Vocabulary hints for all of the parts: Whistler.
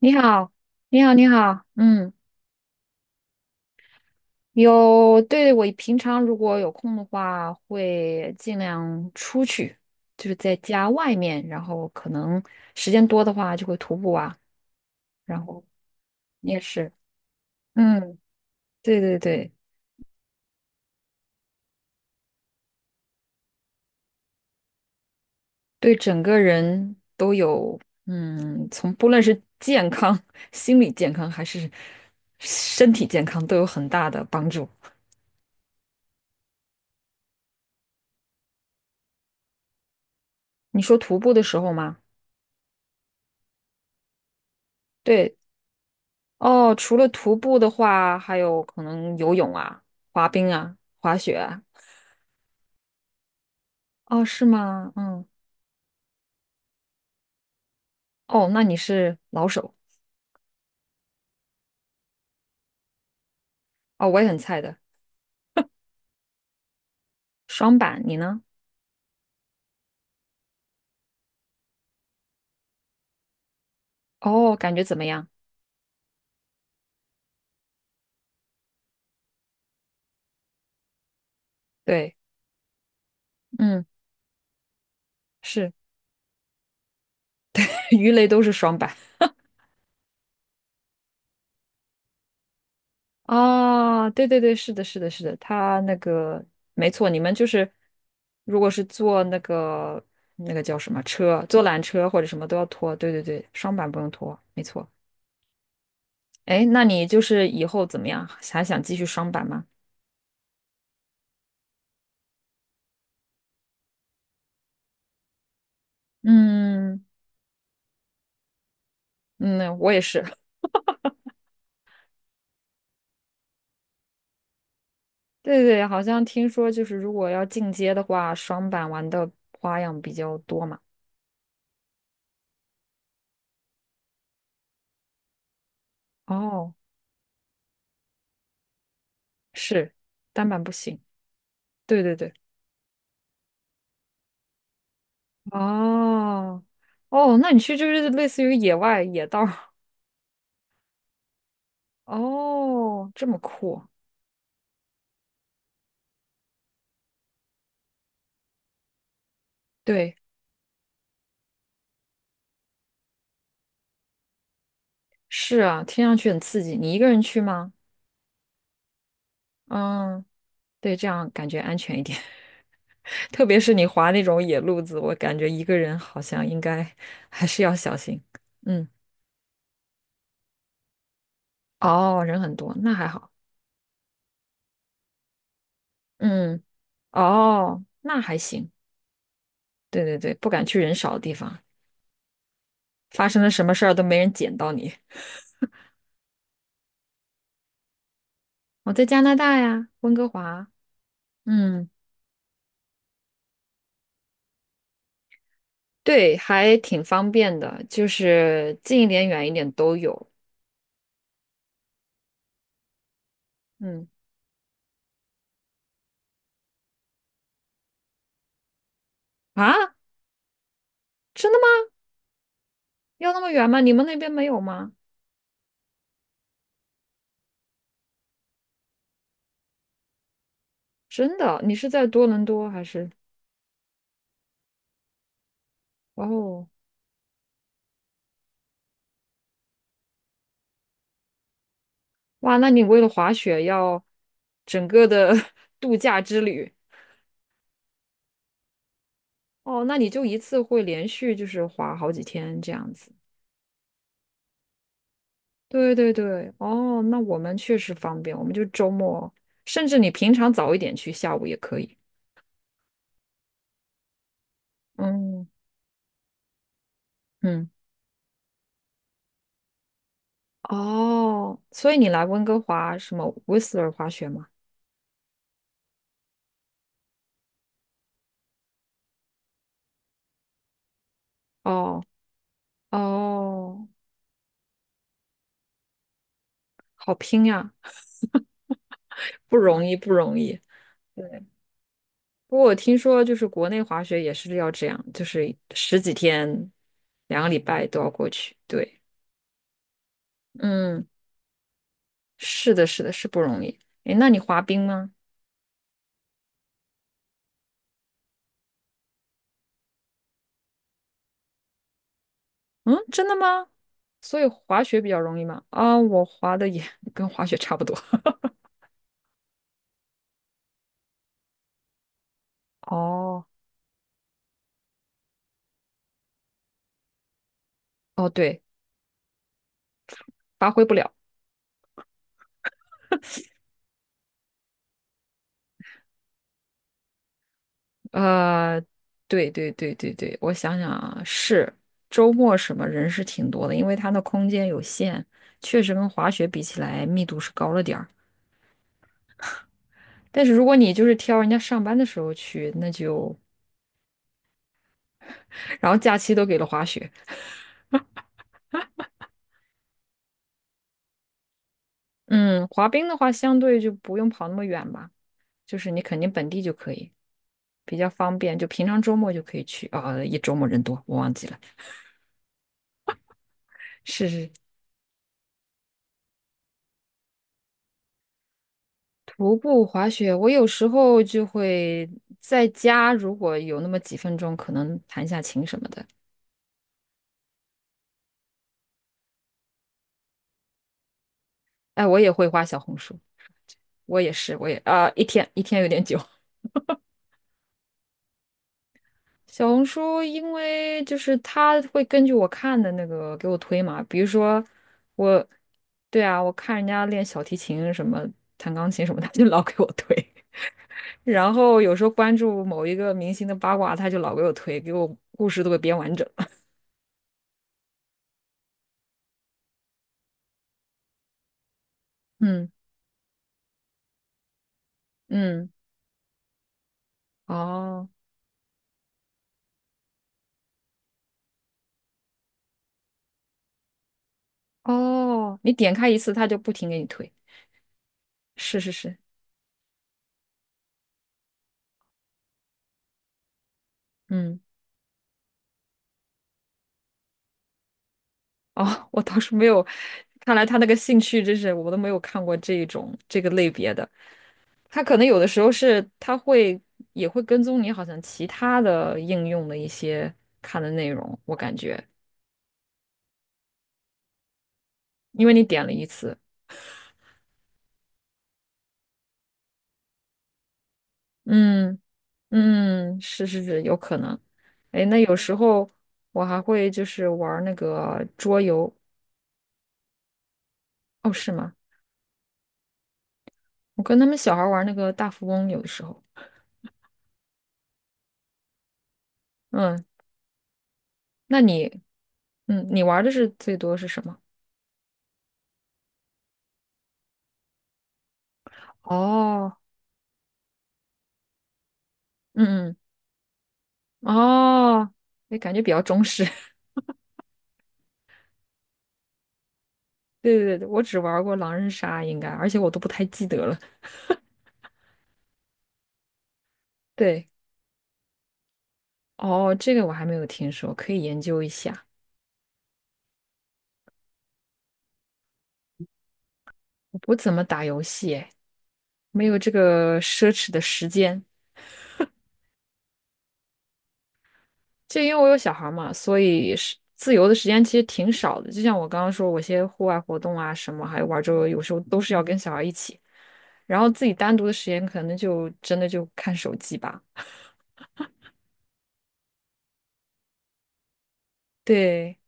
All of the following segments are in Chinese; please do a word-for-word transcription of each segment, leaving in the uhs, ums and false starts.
你好，你好，你好，嗯，有，对，我平常如果有空的话，会尽量出去，就是在家外面，然后可能时间多的话就会徒步啊，然后你也是，嗯，对对对，对整个人都有，嗯，从不论是健康、心理健康还是身体健康都有很大的帮助。你说徒步的时候吗？对哦，除了徒步的话，还有可能游泳啊、滑冰啊、滑雪啊。哦，是吗？嗯，哦，那你是老手哦，我也很菜的。双板，你呢？哦，感觉怎么样？对，嗯，是，鱼雷都是双板啊。对对对，是的，是的，是的，他那个没错，你们就是如果是坐那个那个叫什么车，坐缆车或者什么都要拖。对对对，双板不用拖，没错。哎，那你就是以后怎么样？还想继续双板吗？嗯嗯，我也是。对对，好像听说就是如果要进阶的话，双板玩的花样比较多嘛。哦，是，单板不行。对对对。哦哦，那你去就是类似于野外野道儿 哦，这么酷。对，是啊，听上去很刺激。你一个人去吗？嗯，对，这样感觉安全一点。特别是你滑那种野路子，我感觉一个人好像应该还是要小心。嗯，哦，人很多，那还好。嗯，哦，那还行。对对对，不敢去人少的地方，发生了什么事儿都没人捡到你。我在加拿大呀，温哥华。嗯，对，还挺方便的，就是近一点、远一点都有。嗯，啊，真的吗？要那么远吗？你们那边没有吗？真的，你是在多伦多还是？哦。哇，那你为了滑雪要整个的 度假之旅哦，那你就一次会连续就是滑好几天这样子。对对对，哦，那我们确实方便，我们就周末，甚至你平常早一点去，下午也可以。嗯嗯，哦，所以你来温哥华什么 Whistler 滑雪吗？哦哦，好拼呀，不容易不容易。对。不过我听说就是国内滑雪也是要这样，就是十几天、两个礼拜都要过去。对，嗯，是的，是的，是不容易。诶，那你滑冰吗？嗯，真的吗？所以滑雪比较容易吗？啊，我滑的也 跟滑雪差不多。哦，哦，对，发挥不了。呃，对对对对对，我想想啊，是周末什么人是挺多的，因为它的空间有限，确实跟滑雪比起来密度是高了点儿。但是如果你就是挑人家上班的时候去，那就，然后假期都给了滑雪，嗯，滑冰的话相对就不用跑那么远吧，就是你肯定本地就可以，比较方便，就平常周末就可以去啊，一周末人多，我忘记了。是是，徒步滑雪，我有时候就会在家，如果有那么几分钟，可能弹下琴什么的。哎，我也会画小红书，我也是，我也啊、一天一天有点久。小红书，因为就是它会根据我看的那个给我推嘛，比如说我，对啊，我看人家练小提琴什么、弹钢琴什么，他就老给我推。然后有时候关注某一个明星的八卦，他就老给我推，给我故事都给编完整 嗯嗯，哦哦，你点开一次，他就不停给你推。是是是，嗯，哦，我倒是没有，看来他那个兴趣真是我都没有看过这一种这个类别的。他可能有的时候是他会也会跟踪你，好像其他的应用的一些看的内容，我感觉，因为你点了一次，嗯嗯，是是是，有可能。哎，那有时候我还会就是玩儿那个桌游，哦，是吗？我跟他们小孩儿玩儿那个大富翁，有的时候，嗯，那你，嗯，你玩儿的是最多是什么？哦，嗯嗯，哦，哎，感觉比较中式。对对对，我只玩过狼人杀，应该，而且我都不太记得了。对，哦，这个我还没有听说，可以研究一下。我不怎么打游戏，哎，没有这个奢侈的时间。就因为我有小孩嘛，所以是自由的时间其实挺少的。就像我刚刚说，我一些户外活动啊什么，还有玩桌游，有时候都是要跟小孩一起。然后自己单独的时间，可能就真的就看手机吧。对。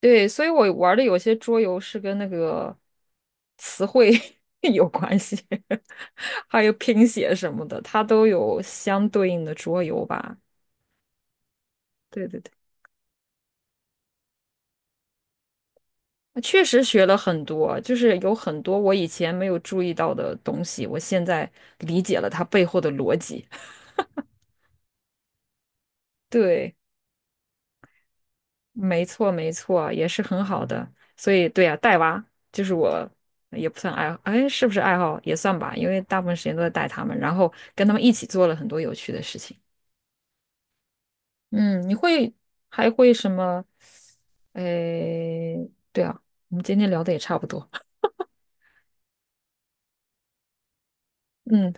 对，所以我玩的有些桌游是跟那个词汇 有关系，还有拼写什么的，它都有相对应的桌游吧。对对对，确实学了很多，就是有很多我以前没有注意到的东西，我现在理解了它背后的逻辑。对。没错，没错，也是很好的。所以，对呀、带娃就是我也不算爱好，哎，是不是爱好也算吧？因为大部分时间都在带他们，然后跟他们一起做了很多有趣的事情。嗯，你会还会什么？哎，对啊，我们今天聊的也差不多。嗯，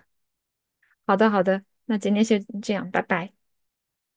好的，好的，那今天先这样，拜拜。